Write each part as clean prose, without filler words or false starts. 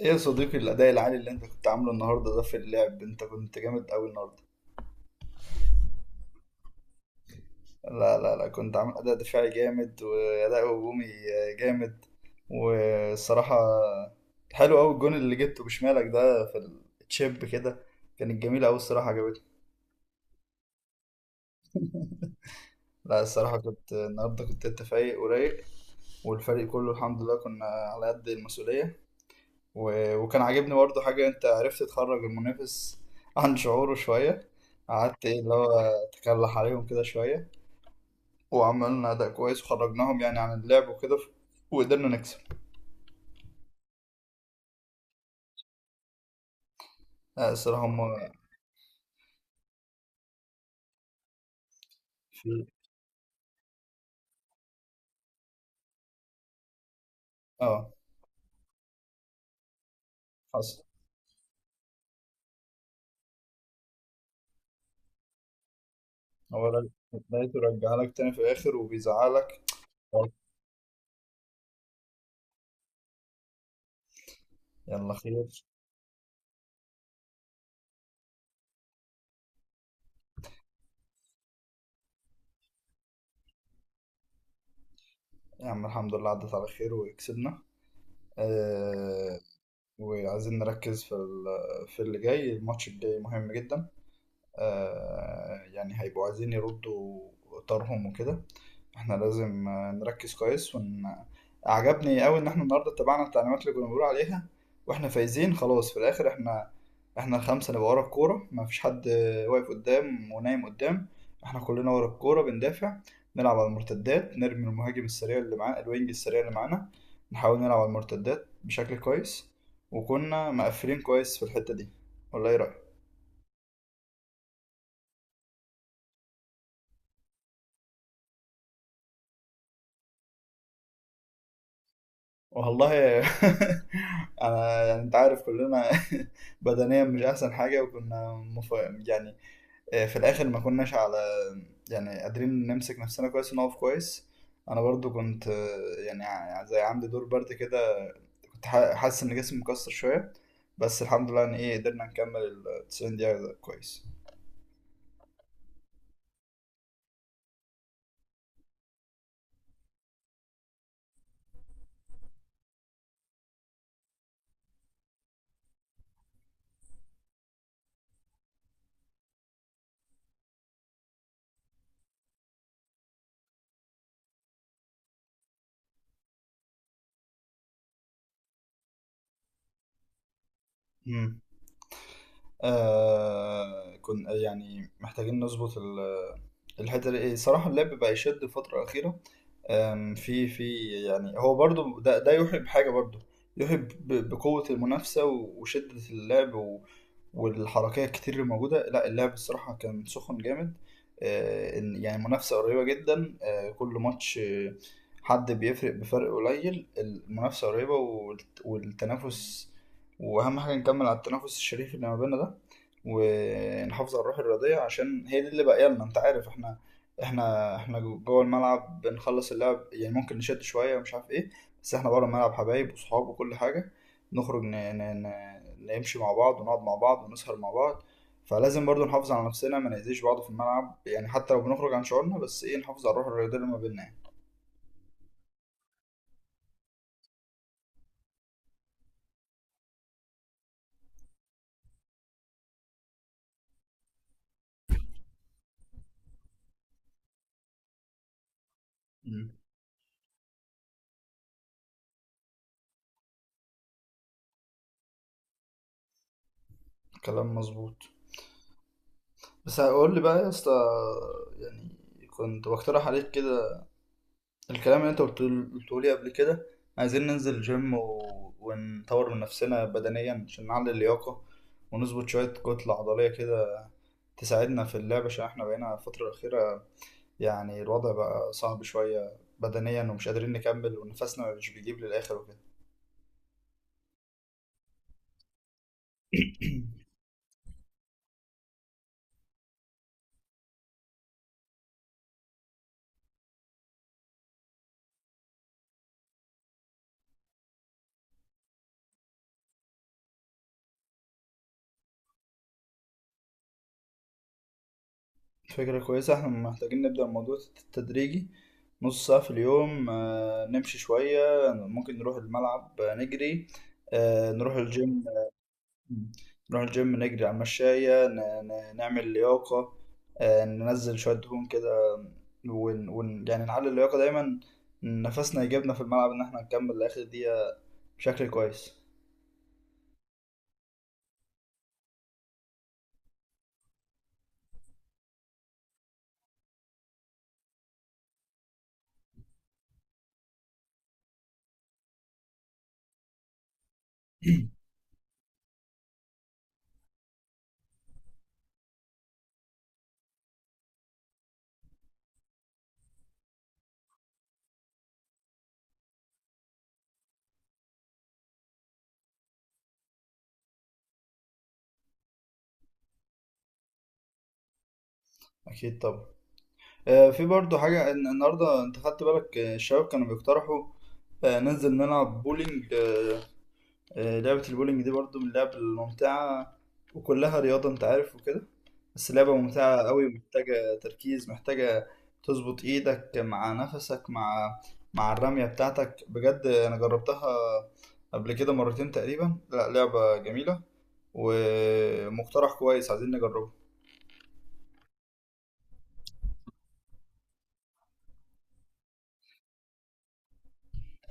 ايه يا صديقي، الاداء العالي اللي انت كنت عامله النهارده ده في اللعب، انت كنت جامد قوي النهارده. لا لا لا، كنت عامل اداء دفاعي جامد واداء هجومي جامد. والصراحه حلو قوي الجون اللي جبته بشمالك ده في التشيب كده، كانت جميله قوي الصراحه، عجبتني. لا الصراحه كنت النهارده، كنت انت فايق ورايق، والفريق كله الحمد لله كنا على قد المسؤوليه. و... وكان عاجبني برضه حاجه، انت عرفت تخرج المنافس عن شعوره شويه، قعدت ايه اللي هو تكلح عليهم كده شويه، وعملنا أداء كويس وخرجناهم يعني عن اللعب وكده وقدرنا نكسب. آه، الصراحة هم. في. اه حصل. هو ر- لقيته رجع لك تاني في الآخر وبيزعلك. يلا خير. يا عم الحمد لله عدت على خير وكسبنا. آه. وعايزين نركز في اللي جاي، الماتش الجاي مهم جدا. يعني هيبقوا عايزين يردوا طارهم وكده. احنا لازم نركز كويس عجبني قوي ان احنا النهارده اتبعنا التعليمات اللي كنا بنقول عليها، واحنا فايزين خلاص في الاخر. احنا الخمسه نبقى ورا الكوره، ما فيش حد واقف قدام ونايم قدام، احنا كلنا ورا الكوره بندافع، نلعب على المرتدات، نرمي المهاجم السريع اللي معانا، الوينج السريع اللي معانا، نحاول نلعب على المرتدات بشكل كويس، وكنا مقفلين كويس في الحته دي، ولا ايه رايك؟ والله انا يعني انت عارف كلنا بدنيا مش احسن حاجه، وكنا يعني، في الاخر ما كناش على يعني قادرين نمسك نفسنا كويس ونقف كويس. انا برضو كنت يعني زي عندي دور برد كده، كنت حاسس ان جسمي مكسر شويه، بس الحمد لله ان ايه قدرنا نكمل ال 90 دقيقه كويس. امم. كنا يعني محتاجين نظبط الحته دي، إيه، صراحه اللعب بقى يشد الفتره الاخيره. في يعني، هو برضو ده يوحي بحاجة برضو، يوحي بقوة المنافسة وشدة اللعب والحركية الكتير اللي موجودة، لا اللعب الصراحة كان سخن جامد. يعني منافسة قريبة جدا، كل ماتش حد بيفرق بفرق قليل، المنافسة قريبة، والتنافس. وأهم حاجة نكمل على التنافس الشريف اللي ما بيننا ده، ونحافظ على الروح الرياضية، عشان هي دي اللي باقية لنا. انت عارف احنا، احنا جوه الملعب بنخلص اللعب، يعني ممكن نشد شويه ومش عارف ايه، بس احنا بره الملعب حبايب وصحاب وكل حاجه، نخرج نمشي مع بعض، ونقعد مع بعض، ونسهر مع بعض، فلازم برضو نحافظ على نفسنا، ما نأذيش بعض في الملعب يعني، حتى لو بنخرج عن شعورنا بس ايه نحافظ على الروح الرياضيه اللي ما بيننا يعني. مم. كلام مظبوط. بس هقول لي بقى يا اسطى، يعني كنت بقترح عليك كده الكلام اللي انت قلته، قلته لي قبل كده، عايزين ننزل جيم ونطور من نفسنا بدنيا عشان نعلي اللياقة، ونظبط شوية كتلة عضلية كده تساعدنا في اللعب، عشان احنا بقينا الفترة الأخيرة يعني الوضع بقى صعب شوية بدنيا، ومش قادرين نكمل، ونفسنا مش بيجيب للآخر وكده. فكرة كويسة، احنا محتاجين نبدأ الموضوع تدريجي، نص ساعة في اليوم، نمشي شوية، ممكن نروح الملعب نجري، نروح الجيم. مم. نروح الجيم، نجري على المشاية، نعمل لياقة، ننزل شوية دهون كده، يعني نعلي اللياقة دايما، نفسنا يجيبنا في الملعب إن احنا نكمل لآخر دقيقة بشكل كويس. أكيد طبعا. في برضو حاجة، النهاردة أنت خدت بالك الشباب كانوا بيقترحوا ننزل نلعب بولينج. لعبة البولينج دي برضو من اللعب الممتعة، وكلها رياضة أنت عارف وكده. بس لعبة ممتعة قوي، محتاجة تركيز، محتاجة تظبط ايدك مع نفسك مع الرمية بتاعتك. بجد انا جربتها قبل كده مرتين تقريبا، لا لعبة جميلة، ومقترح كويس عايزين نجربه.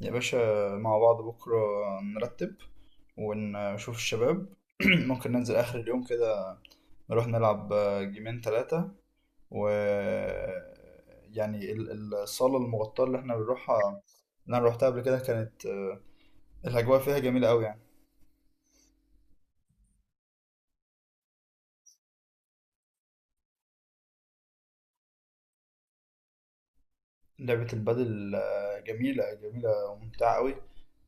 يا باشا، مع بعض بكرة نرتب، ونشوف الشباب. ممكن ننزل آخر اليوم كده نروح نلعب جيمين ثلاثة و يعني الصالة المغطاة اللي احنا بنروحها، اللي انا روحتها قبل كده، كانت الأجواء فيها جميلة أوي يعني. لعبة البادل جميلة جميلة وممتعة أوي.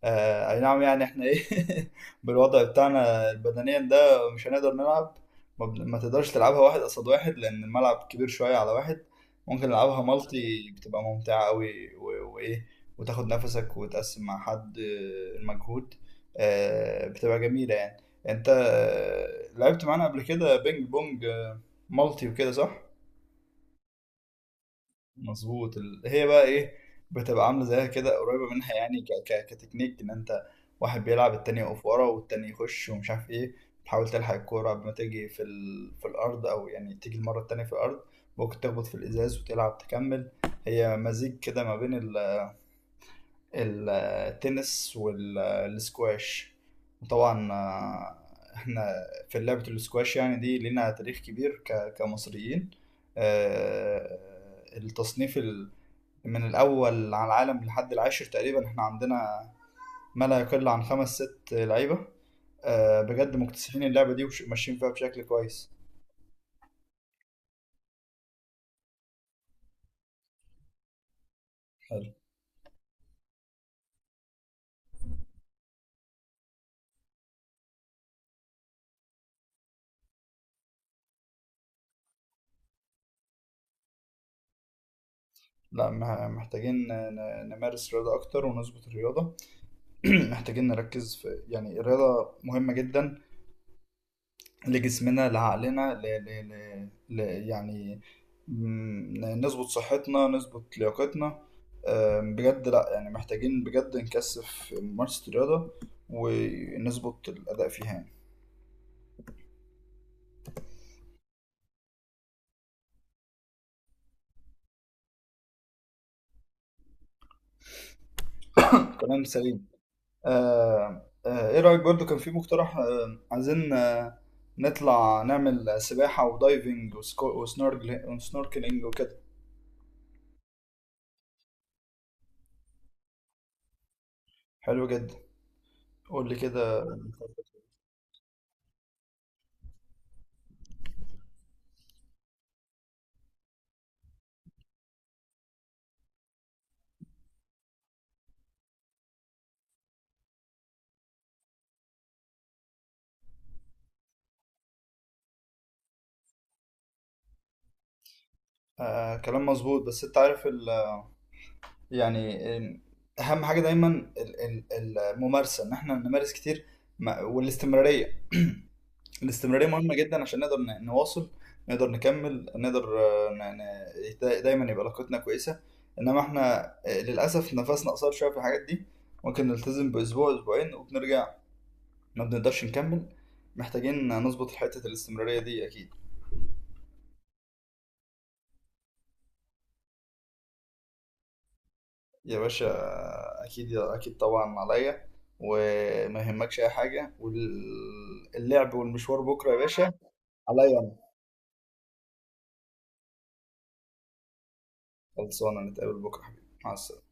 أي نعم يعني، إحنا إيه بالوضع بتاعنا بدنيا ده مش هنقدر نلعب. ما تقدرش تلعبها واحد قصاد واحد، لأن الملعب كبير شوية على واحد، ممكن نلعبها مالتي، بتبقى ممتعة أوي وإيه وتاخد نفسك وتقسم مع حد المجهود، بتبقى جميلة يعني. أنت لعبت معانا قبل كده بينج بونج مالتي وكده صح؟ مظبوط. هي بقى ايه، بتبقى عامله زيها كده قريبه منها يعني، كتكنيك ان انت واحد بيلعب التاني يقف ورا والتاني يخش ومش عارف ايه، تحاول تلحق الكوره قبل ما تيجي في الارض، او يعني تيجي المره التانيه في الارض، ممكن تخبط في الازاز وتلعب تكمل. هي مزيج كده ما بين ال- التنس والسكواش. وطبعا احنا في لعبه السكواش يعني دي لنا تاريخ كبير كمصريين. آه، التصنيف من الأول على العالم لحد العاشر تقريبا، احنا عندنا ما لا يقل عن خمس ست لعيبة، بجد مكتسحين اللعبة دي وماشيين فيها بشكل كويس. حلو. لا محتاجين نمارس رياضة أكتر ونظبط الرياضة. محتاجين نركز في يعني الرياضة مهمة جدا لجسمنا، لعقلنا، ل... يعني نظبط صحتنا، نظبط لياقتنا. بجد لا يعني محتاجين بجد نكثف ممارسة الرياضة ونظبط الأداء فيها يعني. كلام سليم. آم، آه، ايه رأيك برضو، كان في مقترح عايزين نطلع نعمل سباحة ودايفنج وسنوركلينج وكده. حلو جدا، قول لي كده. كلام مظبوط بس انت عارف يعني، اهم حاجه دايما ال- الممارسه، ان احنا نمارس كتير، والاستمراريه، الاستمراريه مهمه جدا عشان نقدر نواصل، نقدر نكمل، نقدر دايما يبقى علاقتنا كويسه. انما احنا للاسف نفسنا قصير شويه في الحاجات دي، ممكن نلتزم باسبوع اسبوعين وبنرجع، ما بنقدرش نكمل، محتاجين نظبط حته الاستمراريه دي اكيد. يا باشا، اكيد اكيد طبعا عليا، وما يهمكش اي حاجه، واللعب والمشوار بكره يا باشا عليا انا. خلصانه، نتقابل بكره حبيبي، مع السلامه.